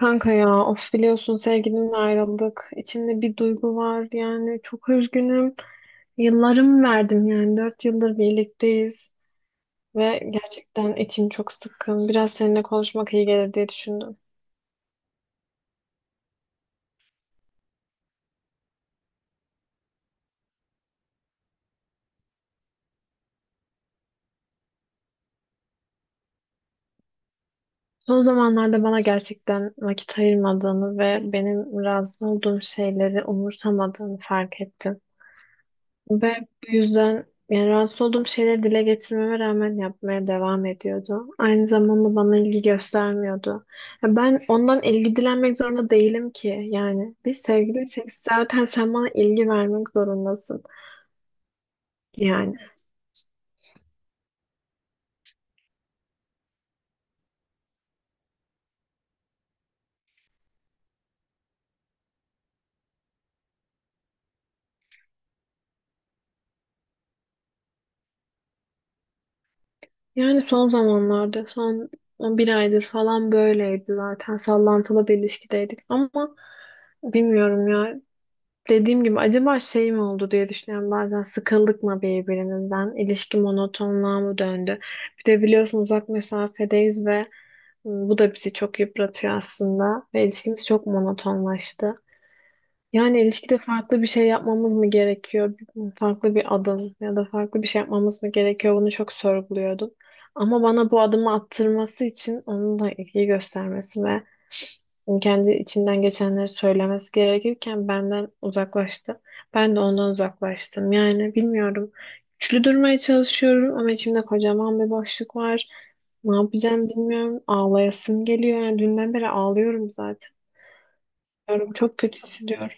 Kanka ya of biliyorsun sevgilimle ayrıldık. İçimde bir duygu var yani çok üzgünüm. Yıllarımı verdim yani 4 yıldır birlikteyiz ve gerçekten içim çok sıkkın. Biraz seninle konuşmak iyi gelir diye düşündüm. Son zamanlarda bana gerçekten vakit ayırmadığını ve benim razı olduğum şeyleri umursamadığını fark ettim. Ve bu yüzden yani rahatsız olduğum şeyleri dile getirmeme rağmen yapmaya devam ediyordu. Aynı zamanda bana ilgi göstermiyordu. Ya ben ondan ilgi dilenmek zorunda değilim ki. Yani biz sevgiliysek zaten sen bana ilgi vermek zorundasın. Yani. Yani son zamanlarda son 11 aydır falan böyleydi zaten. Sallantılı bir ilişkideydik ama bilmiyorum ya. Dediğim gibi acaba şey mi oldu diye düşünüyorum bazen, sıkıldık mı birbirimizden, ilişki monotonluğa mı döndü, bir de biliyorsun uzak mesafedeyiz ve bu da bizi çok yıpratıyor aslında ve ilişkimiz çok monotonlaştı, yani ilişkide farklı bir şey yapmamız mı gerekiyor? Farklı bir adım ya da farklı bir şey yapmamız mı gerekiyor? Bunu çok sorguluyordum. Ama bana bu adımı attırması için onun da ilgi göstermesi ve kendi içinden geçenleri söylemesi gerekirken benden uzaklaştı. Ben de ondan uzaklaştım. Yani bilmiyorum. Güçlü durmaya çalışıyorum ama içimde kocaman bir boşluk var. Ne yapacağım bilmiyorum. Ağlayasım geliyor. Yani dünden beri ağlıyorum zaten. Diyorum, çok kötü hissediyorum.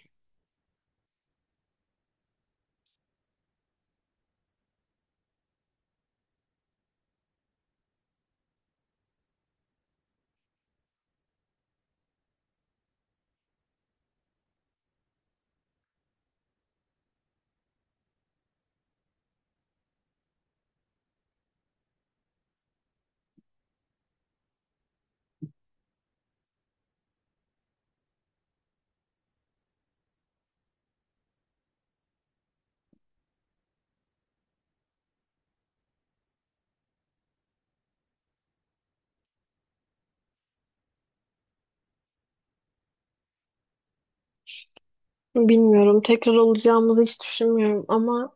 Bilmiyorum. Tekrar olacağımızı hiç düşünmüyorum ama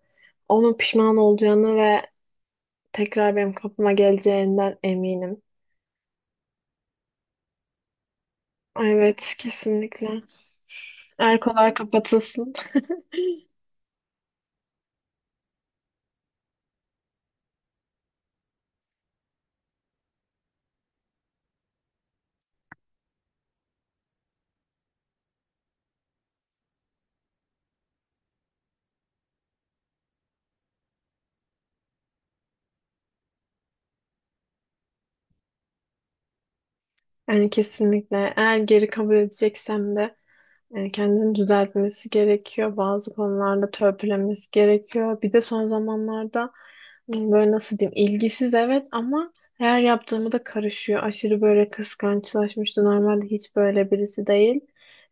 onun pişman olacağını ve tekrar benim kapıma geleceğinden eminim. Evet, kesinlikle. Erkolar kapatılsın. Yani kesinlikle. Eğer geri kabul edeceksem de kendini düzeltmesi gerekiyor. Bazı konularda törpülemesi gerekiyor. Bir de son zamanlarda böyle nasıl diyeyim? İlgisiz evet ama her yaptığımı da karışıyor. Aşırı böyle kıskançlaşmıştı. Normalde hiç böyle birisi değil.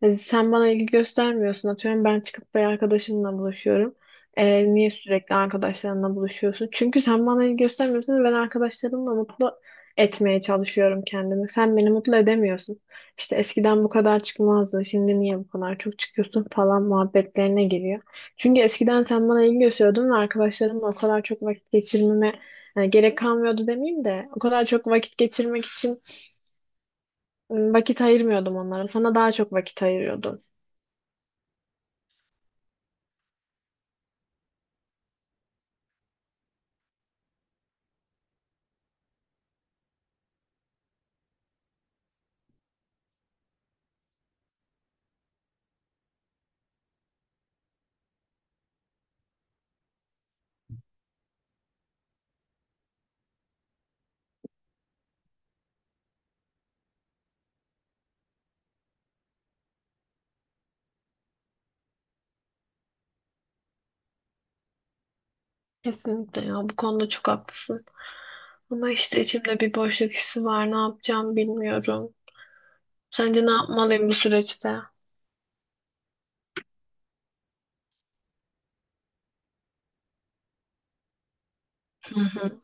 Sen bana ilgi göstermiyorsun. Atıyorum ben çıkıp bir arkadaşımla buluşuyorum. Niye sürekli arkadaşlarınla buluşuyorsun? Çünkü sen bana ilgi göstermiyorsun ve ben arkadaşlarımla mutlu etmeye çalışıyorum kendimi. Sen beni mutlu edemiyorsun. İşte eskiden bu kadar çıkmazdı. Şimdi niye bu kadar çok çıkıyorsun falan muhabbetlerine giriyor. Çünkü eskiden sen bana ilgi gösteriyordun ve arkadaşlarımla o kadar çok vakit geçirmeme yani gerek kalmıyordu demeyeyim de o kadar çok vakit geçirmek için vakit ayırmıyordum onlara. Sana daha çok vakit ayırıyordum. Kesinlikle ya bu konuda çok haklısın. Ama işte içimde bir boşluk hissi var. Ne yapacağım bilmiyorum. Sence ne yapmalıyım bu süreçte? Hı hı.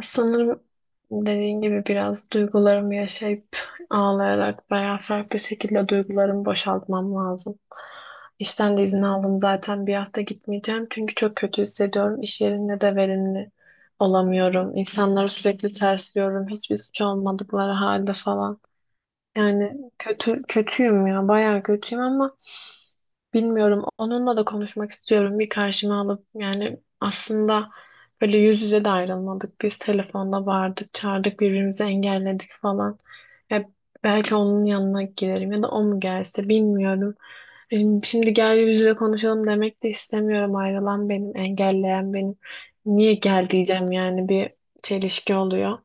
Sanırım dediğin gibi biraz duygularımı yaşayıp ağlayarak veya farklı şekilde duygularımı boşaltmam lazım. İşten de izin aldım zaten, bir hafta gitmeyeceğim çünkü çok kötü hissediyorum. İş yerinde de verimli olamıyorum. İnsanları sürekli tersliyorum, hiçbir suç olmadıkları halde falan. Yani kötü kötüyüm ya, bayağı kötüyüm ama bilmiyorum. Onunla da konuşmak istiyorum. Bir karşıma alıp, yani aslında böyle yüz yüze de ayrılmadık. Biz telefonda vardık, çağırdık, birbirimizi engelledik falan. Ya belki onun yanına giderim ya da o mu gelse bilmiyorum. Şimdi gel yüz yüze konuşalım demek de istemiyorum. Ayrılan benim, engelleyen benim. Niye gel diyeceğim yani, bir çelişki oluyor.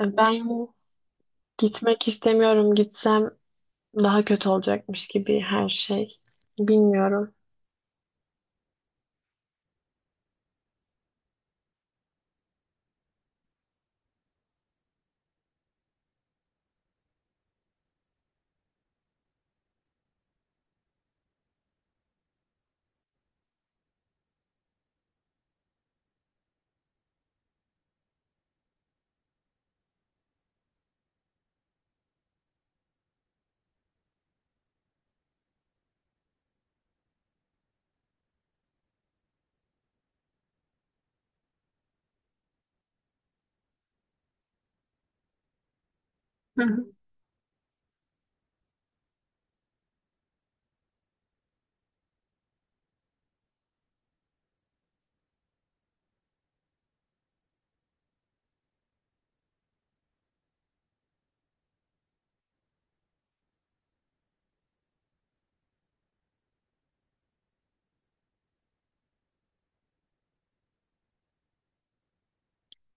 Ben gitmek istemiyorum. Gitsem daha kötü olacakmış gibi her şey. Bilmiyorum.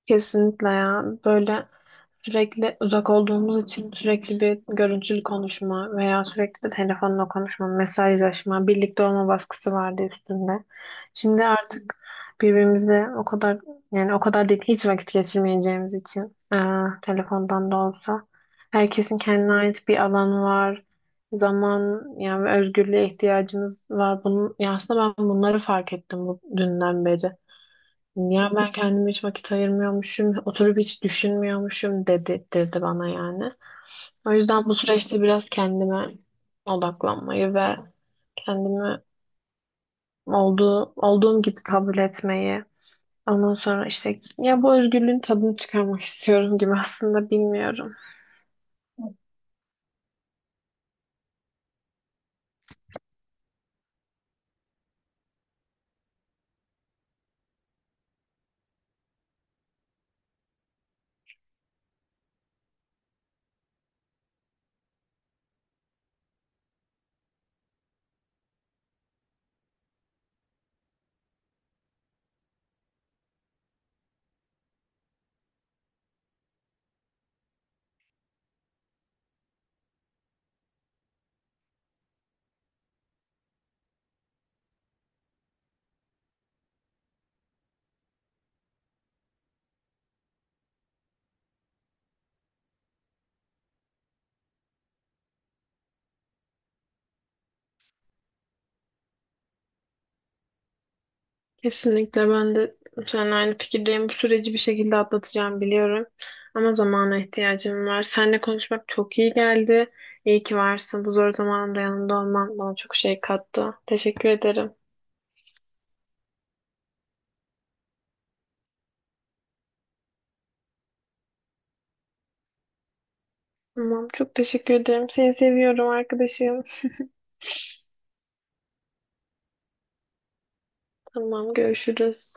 Kesinlikle ya. Böyle sürekli uzak olduğumuz için sürekli bir görüntülü konuşma veya sürekli telefonla konuşma, mesajlaşma, birlikte olma baskısı vardı üstünde. Şimdi artık birbirimize o kadar, yani o kadar değil, hiç vakit geçirmeyeceğimiz için telefondan da olsa herkesin kendine ait bir alanı var. Zaman yani özgürlüğe ihtiyacımız var. Ya aslında ben bunları fark ettim bu dünden beri. Ya ben kendime hiç vakit ayırmıyormuşum, oturup hiç düşünmüyormuşum dedirtti bana yani. O yüzden bu süreçte biraz kendime odaklanmayı ve kendimi olduğum gibi kabul etmeyi, ondan sonra işte ya bu özgürlüğün tadını çıkarmak istiyorum gibi aslında, bilmiyorum. Kesinlikle ben de seninle aynı fikirdeyim. Bu süreci bir şekilde atlatacağım biliyorum. Ama zamana ihtiyacım var. Seninle konuşmak çok iyi geldi. İyi ki varsın. Bu zor zamanımda yanımda olman bana çok şey kattı. Teşekkür ederim. Tamam, çok teşekkür ederim. Seni seviyorum arkadaşım. Tamam, görüşürüz.